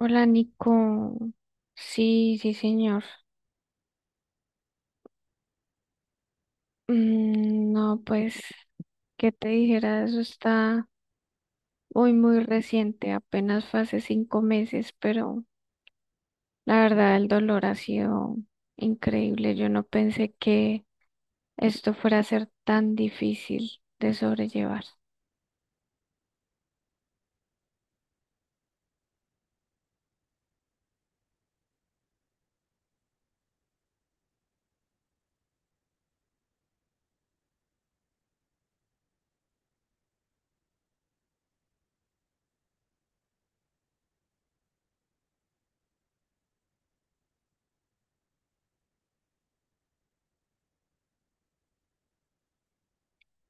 Hola, Nico. Sí, sí, señor. No, pues, ¿qué te dijera? Eso está muy, muy reciente, apenas fue hace 5 meses, pero la verdad el dolor ha sido increíble. Yo no pensé que esto fuera a ser tan difícil de sobrellevar.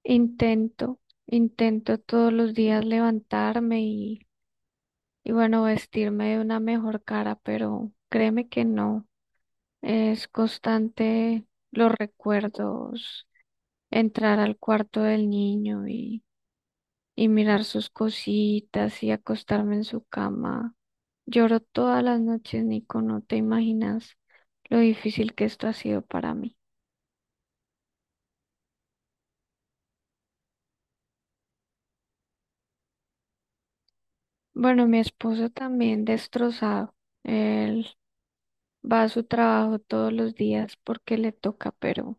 Intento, intento todos los días levantarme y bueno, vestirme de una mejor cara, pero créeme que no. Es constante los recuerdos, entrar al cuarto del niño y mirar sus cositas y acostarme en su cama. Lloro todas las noches, Nico, no te imaginas lo difícil que esto ha sido para mí. Bueno, mi esposo también destrozado. Él va a su trabajo todos los días porque le toca, pero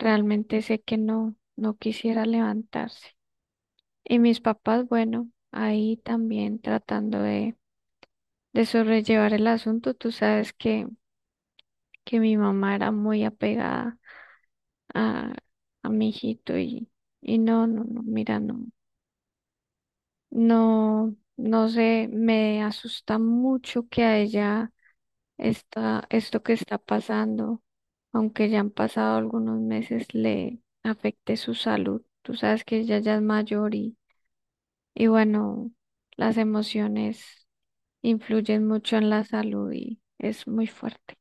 realmente sé que no, no quisiera levantarse. Y mis papás, bueno, ahí también tratando de sobrellevar el asunto. Tú sabes que mi mamá era muy apegada a, a mi hijito y no, no, no, mira, no. No, no sé, me asusta mucho que a ella está esto que está pasando, aunque ya han pasado algunos meses, le afecte su salud. Tú sabes que ella ya es mayor y bueno, las emociones influyen mucho en la salud y es muy fuerte.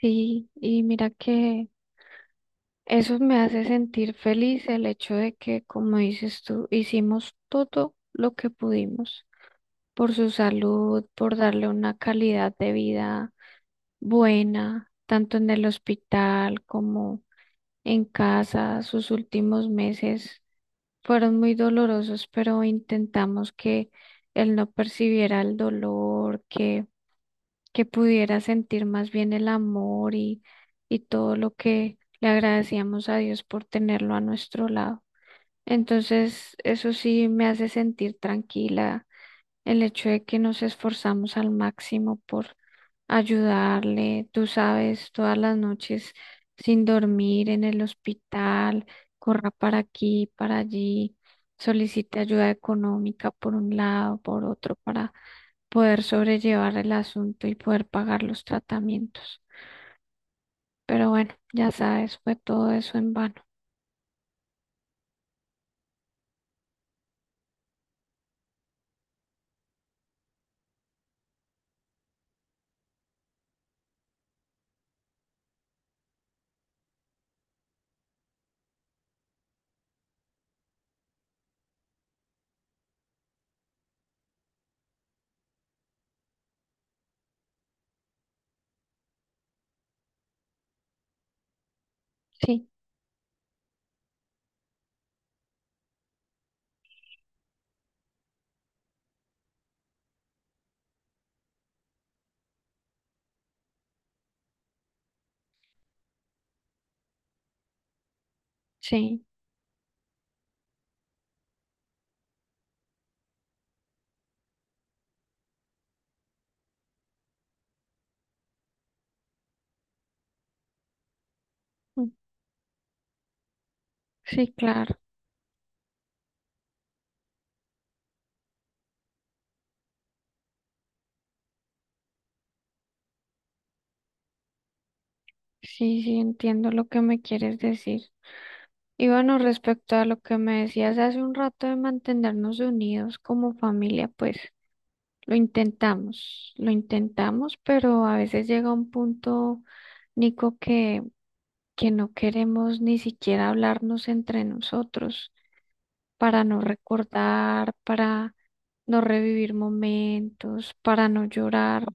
Sí, y mira que eso me hace sentir feliz el hecho de que, como dices tú, hicimos todo lo que pudimos por su salud, por darle una calidad de vida buena, tanto en el hospital como en casa. Sus últimos meses fueron muy dolorosos, pero intentamos que él no percibiera el dolor, que pudiera sentir más bien el amor y todo lo que le agradecíamos a Dios por tenerlo a nuestro lado. Entonces, eso sí me hace sentir tranquila el hecho de que nos esforzamos al máximo por ayudarle, tú sabes, todas las noches sin dormir en el hospital, corra para aquí, para allí, solicite ayuda económica por un lado, por otro, para poder sobrellevar el asunto y poder pagar los tratamientos. Pero bueno, ya sabes, fue todo eso en vano. Sí, sí, mm, sí, claro. Sí, sí, entiendo lo que me quieres decir. Y bueno, respecto a lo que me decías hace un rato de mantenernos unidos como familia, pues lo intentamos, pero a veces llega un punto, Nico, que no queremos ni siquiera hablarnos entre nosotros para no recordar, para no revivir momentos, para no llorar.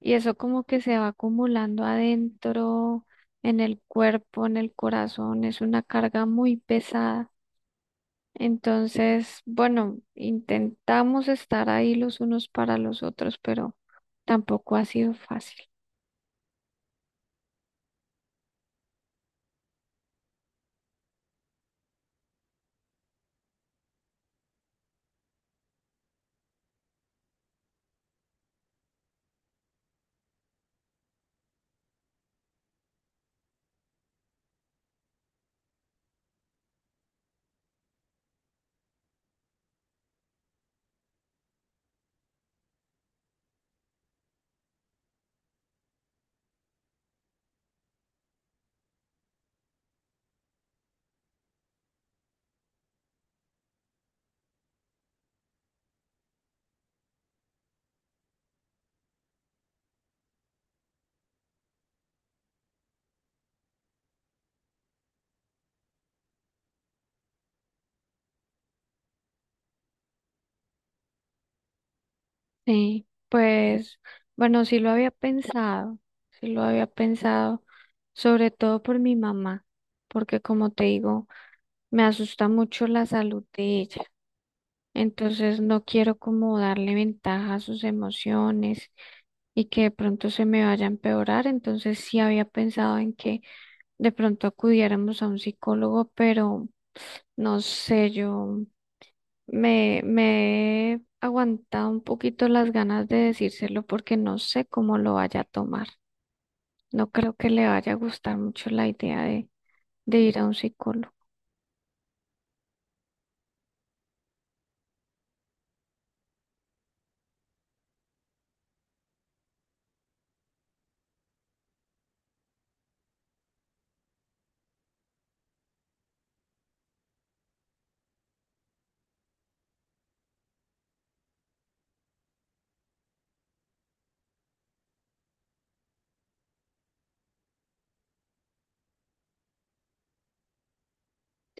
Y eso como que se va acumulando adentro, en el cuerpo, en el corazón, es una carga muy pesada. Entonces, bueno, intentamos estar ahí los unos para los otros, pero tampoco ha sido fácil. Sí, pues, bueno, sí lo había pensado, sí lo había pensado, sobre todo por mi mamá, porque como te digo, me asusta mucho la salud de ella. Entonces, no quiero como darle ventaja a sus emociones y que de pronto se me vaya a empeorar. Entonces, sí había pensado en que de pronto acudiéramos a un psicólogo, pero no sé, yo me he aguantado un poquito las ganas de decírselo porque no sé cómo lo vaya a tomar. No creo que le vaya a gustar mucho la idea de ir a un psicólogo.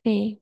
Sí.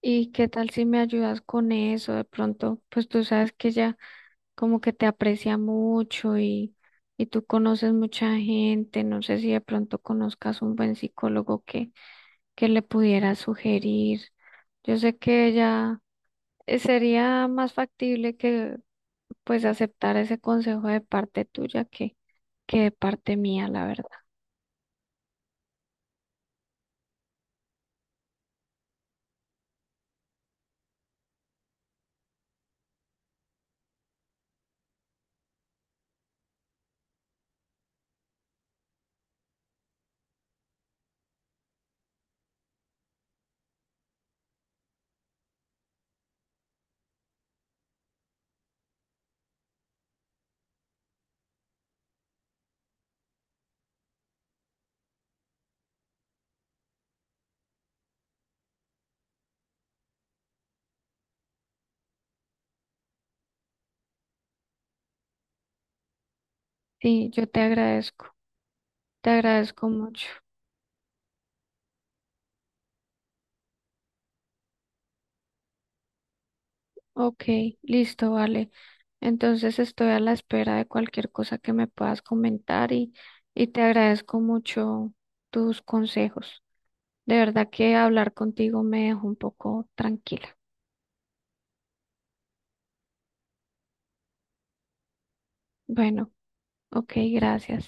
¿Y qué tal si me ayudas con eso? De pronto, pues tú sabes que ella como que te aprecia mucho y tú conoces mucha gente. No sé si de pronto conozcas un buen psicólogo que le pudiera sugerir. Yo sé que ella sería más factible que pues aceptar ese consejo de parte tuya que de parte mía, la verdad. Sí, yo te agradezco mucho. Ok, listo, vale. Entonces estoy a la espera de cualquier cosa que me puedas comentar y te agradezco mucho tus consejos. De verdad que hablar contigo me dejó un poco tranquila. Bueno, ok, gracias.